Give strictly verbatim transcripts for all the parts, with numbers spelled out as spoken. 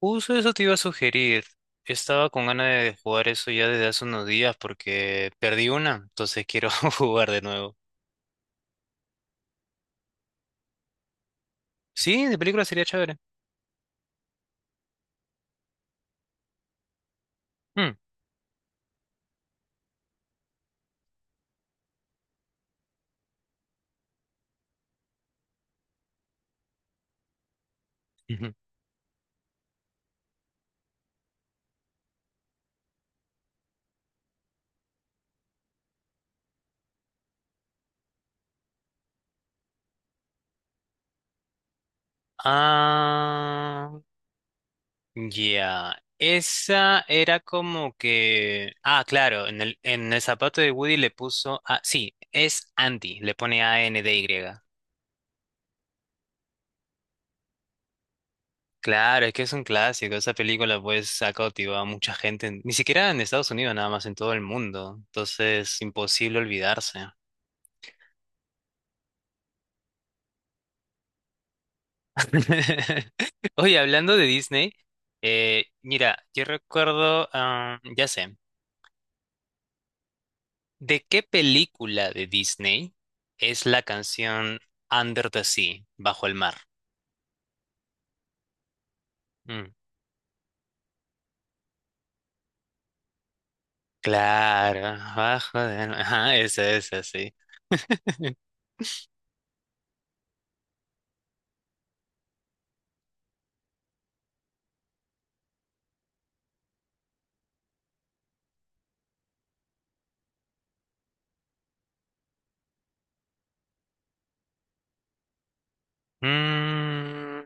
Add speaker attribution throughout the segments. Speaker 1: Justo eso te iba a sugerir. Estaba con ganas de jugar eso ya desde hace unos días porque perdí una, entonces quiero jugar de nuevo. Sí, de película sería chévere. Mm. Ujú. Ah, ya. Esa era como que... Ah, claro, en el, en el zapato de Woody le puso... Ah, sí, es Andy, le pone A-N-D-Y. Claro, es que es un clásico. Esa película pues ha cautivado a mucha gente, en- ni siquiera en Estados Unidos, nada más en todo el mundo. Entonces, imposible olvidarse. Oye, hablando de Disney, eh, mira, yo recuerdo, ah, ya sé, ¿de qué película de Disney es la canción Under the Sea, bajo el mar? Mm, claro, bajo el mar. Ajá, esa, esa, sí. Mm.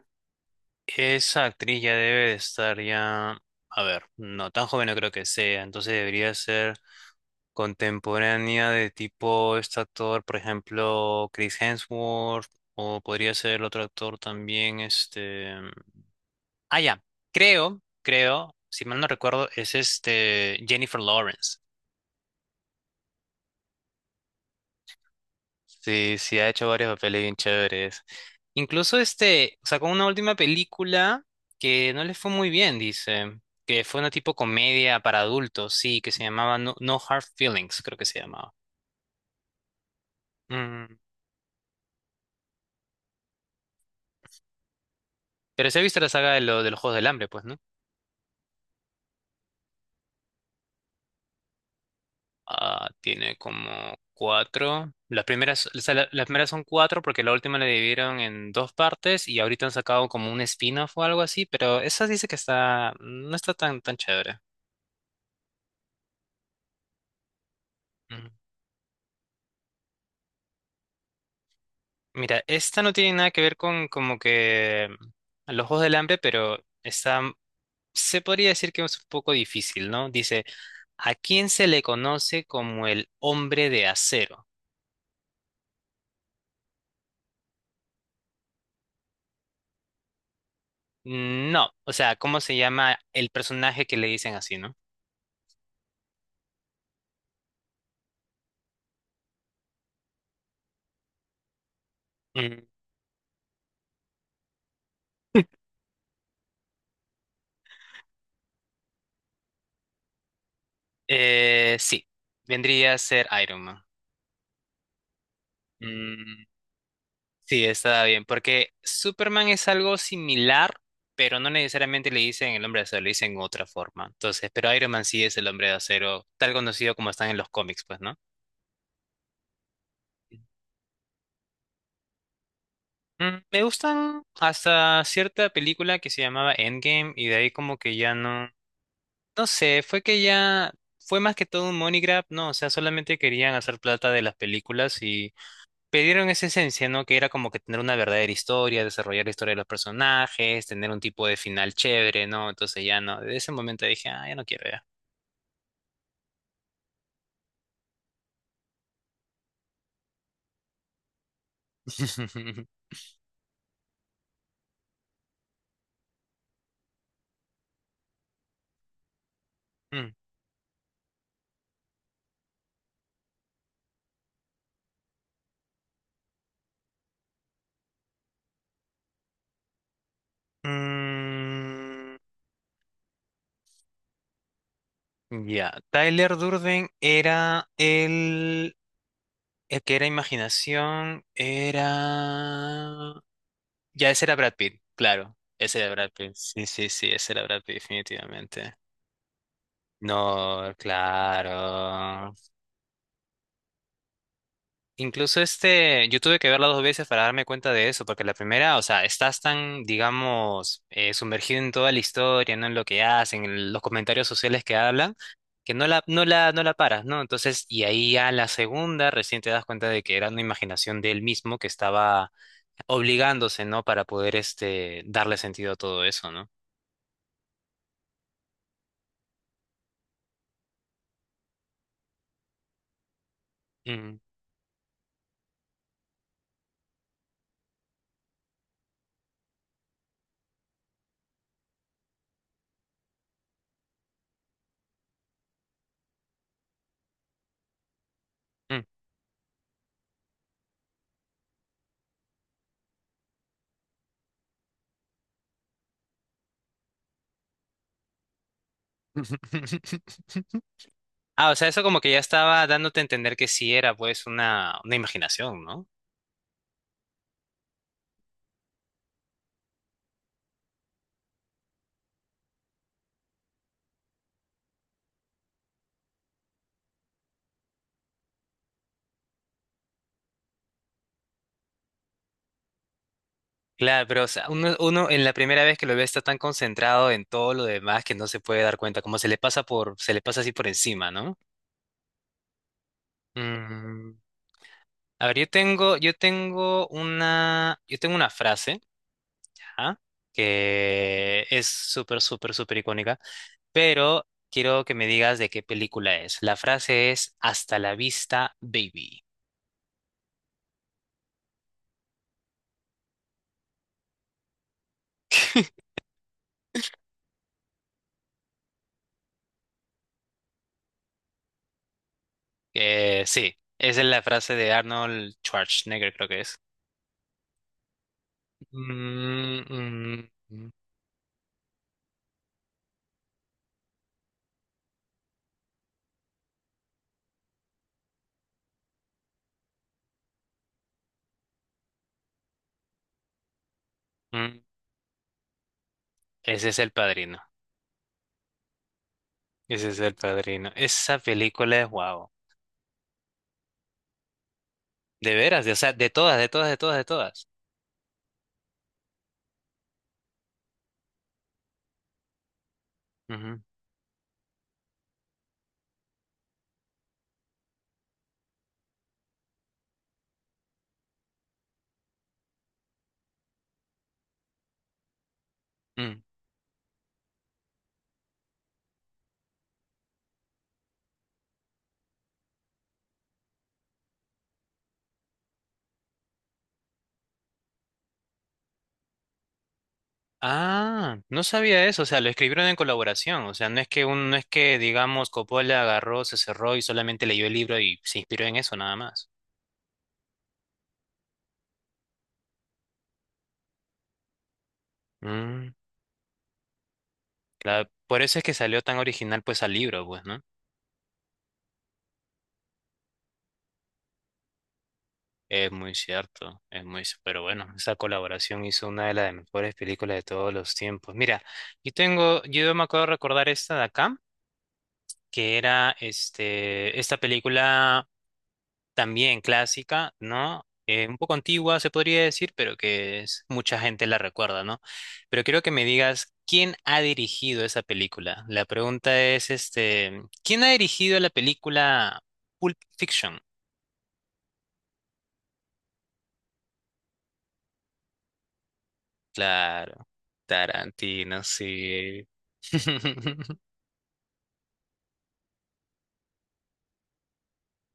Speaker 1: Esa actriz ya debe de estar ya, a ver, no tan joven no creo que sea, entonces debería ser contemporánea de tipo este actor, por ejemplo, Chris Hemsworth, o podría ser el otro actor también, este... Ah, ya, creo, creo, si mal no recuerdo, es este Jennifer Lawrence. Sí, sí, ha hecho varios papeles bien chéveres. Incluso este, sacó una última película que no le fue muy bien, dice, que fue una tipo comedia para adultos, sí, que se llamaba No, No Hard Feelings, creo que se llamaba. Mm. Pero se ha visto la saga de, lo- de los Juegos del Hambre, pues, ¿no? Ah, tiene como cuatro. Las primeras, o sea, la- las primeras son cuatro porque la última la dividieron en dos partes y ahorita han sacado como un spin-off o algo así, pero esa dice que está, no está tan, tan chévere. Mira, esta no tiene nada que ver con como que a los Juegos del Hambre, pero está, mm, se podría decir que es un poco difícil, ¿no? Dice, ¿a quién se le conoce como el hombre de acero? Mm, No, o sea, ¿cómo se llama el personaje que le dicen así, ¿no? Mm, eh, sí, vendría a ser Iron Man. Sí, está bien, porque Superman es algo similar, pero no necesariamente le dicen el hombre de acero, le dicen otra forma. Entonces, pero Iron Man sí es el hombre de acero, tal conocido como están en los cómics, pues, ¿no? Mm, me gustan hasta cierta película que se llamaba Endgame y de ahí como que ya no, no sé, fue que ya fue más que todo un money grab, ¿no? O sea, solamente querían hacer plata de las películas perdieron esa esencia, ¿no? Que era como que tener una verdadera historia, desarrollar la historia de los personajes, tener un tipo de final chévere, ¿no? Entonces ya no, desde ese momento dije, ah, ya no quiero ya. Mm. Mm. Ya, Tyler Durden era el, el que era imaginación, era... Ya, ese era Brad Pitt, claro, ese era Brad Pitt, sí, sí, sí, ese era Brad Pitt, definitivamente. No, claro. Incluso este, yo tuve que verla dos veces para darme cuenta de eso, porque la primera, o sea, estás tan, digamos, eh, sumergido en toda la historia, ¿no? En lo que hacen, en los comentarios sociales que hablan, que no la, no la, no la paras, ¿no? Entonces, y ahí ya la segunda, recién te das cuenta de que era una imaginación de él mismo que estaba obligándose, ¿no? Para poder, este, darle sentido a todo eso, ¿no? Mm, mm. Ah, o sea, eso como que ya estaba dándote a entender que sí era, pues, una, una imaginación, ¿no? Claro, pero o sea, uno, uno en la primera vez que lo ve está tan concentrado en todo lo demás que no se puede dar cuenta, como se le pasa por, se le pasa así por encima, ¿no? Mm. A ver, yo tengo, yo tengo una, yo tengo una frase, ajá, que es súper, súper, súper icónica, pero quiero que me digas de qué película es. La frase es Hasta la vista, baby. Eh, sí, esa es la frase de Arnold Schwarzenegger, creo que es. Mm, mm, mm. Mm. Ese es El Padrino. Ese es El Padrino. Esa película es guau. De veras, de, o sea, de todas, de todas, de todas, de todas. Ujú. Mm. Ah, no sabía eso, o sea, lo escribieron en colaboración, o sea, no es que un, no es que, digamos, Coppola agarró, se cerró y solamente leyó el libro y se inspiró en eso nada más. Mm, claro, por eso es que salió tan original pues al libro, pues, ¿no? Es muy cierto, es muy, c- pero bueno, esa colaboración hizo una de las mejores películas de todos los tiempos. Mira, yo tengo, yo me acuerdo de recordar esta de acá, que era este, esta película también clásica, ¿no? Eh, un poco antigua, se podría decir, pero que es- mucha gente la recuerda, ¿no? Pero quiero que me digas, ¿quién ha dirigido esa película? La pregunta es, este, ¿quién ha dirigido la película Pulp Fiction? Claro, Tarantino, sí.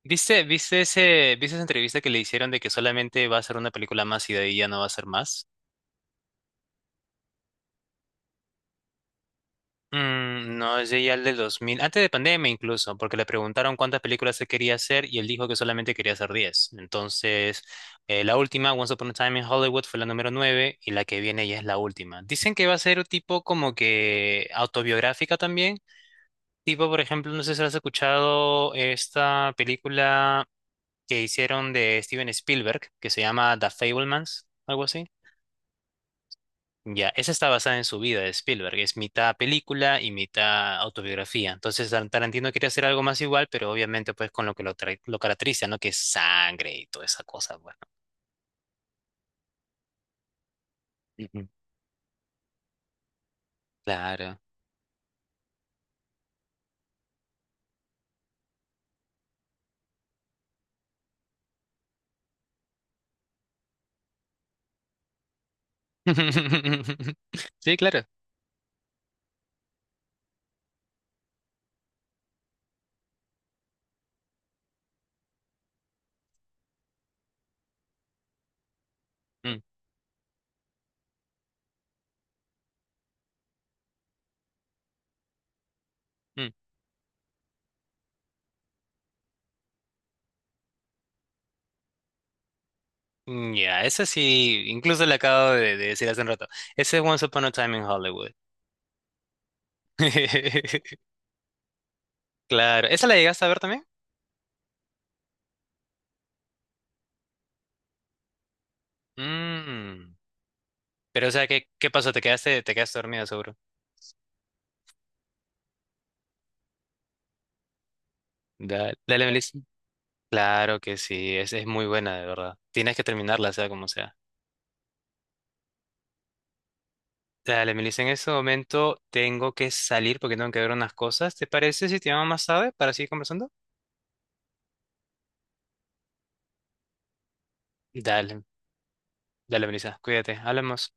Speaker 1: ¿Viste, viste ese, viste esa entrevista que le hicieron de que solamente va a ser una película más y de ahí ya no va a ser más? Mm, no, es ya el del dos mil antes de pandemia incluso, porque le preguntaron cuántas películas se quería hacer y él dijo que solamente quería hacer diez. Entonces, eh, la última, Once Upon a Time in Hollywood, fue la número nueve y la que viene ya es la última. Dicen que va a ser un tipo como que autobiográfica también. Tipo, por ejemplo, no sé si has escuchado esta película que hicieron de Steven Spielberg, que se llama The Fablemans, algo así. Ya, esa está basada en su vida de Spielberg, es mitad película y mitad autobiografía. Entonces Tar- Tarantino quería hacer algo más igual, pero obviamente pues con lo que lo, tra- lo caracteriza, ¿no? Que es sangre y toda esa cosa, bueno. Ujú. Claro. Sí, claro. Mm, mm. Mm. Ya, esa sí, incluso le acabo de, de decir hace un rato. Ese es Once Upon a Time in Hollywood. Claro, ¿esa la llegaste a ver también? Mm. Pero o sea, ¿qué, qué pasó? ¿Te quedaste, te quedaste dormido seguro? Dale, dale, Melissa. Claro que sí, es, es muy buena, de verdad. Tienes que terminarla, sea como sea. Dale, Melissa, en este momento tengo que salir porque tengo que ver unas cosas. ¿Te parece si te llamo más tarde para seguir conversando? Dale, dale, Melissa, cuídate, hablamos.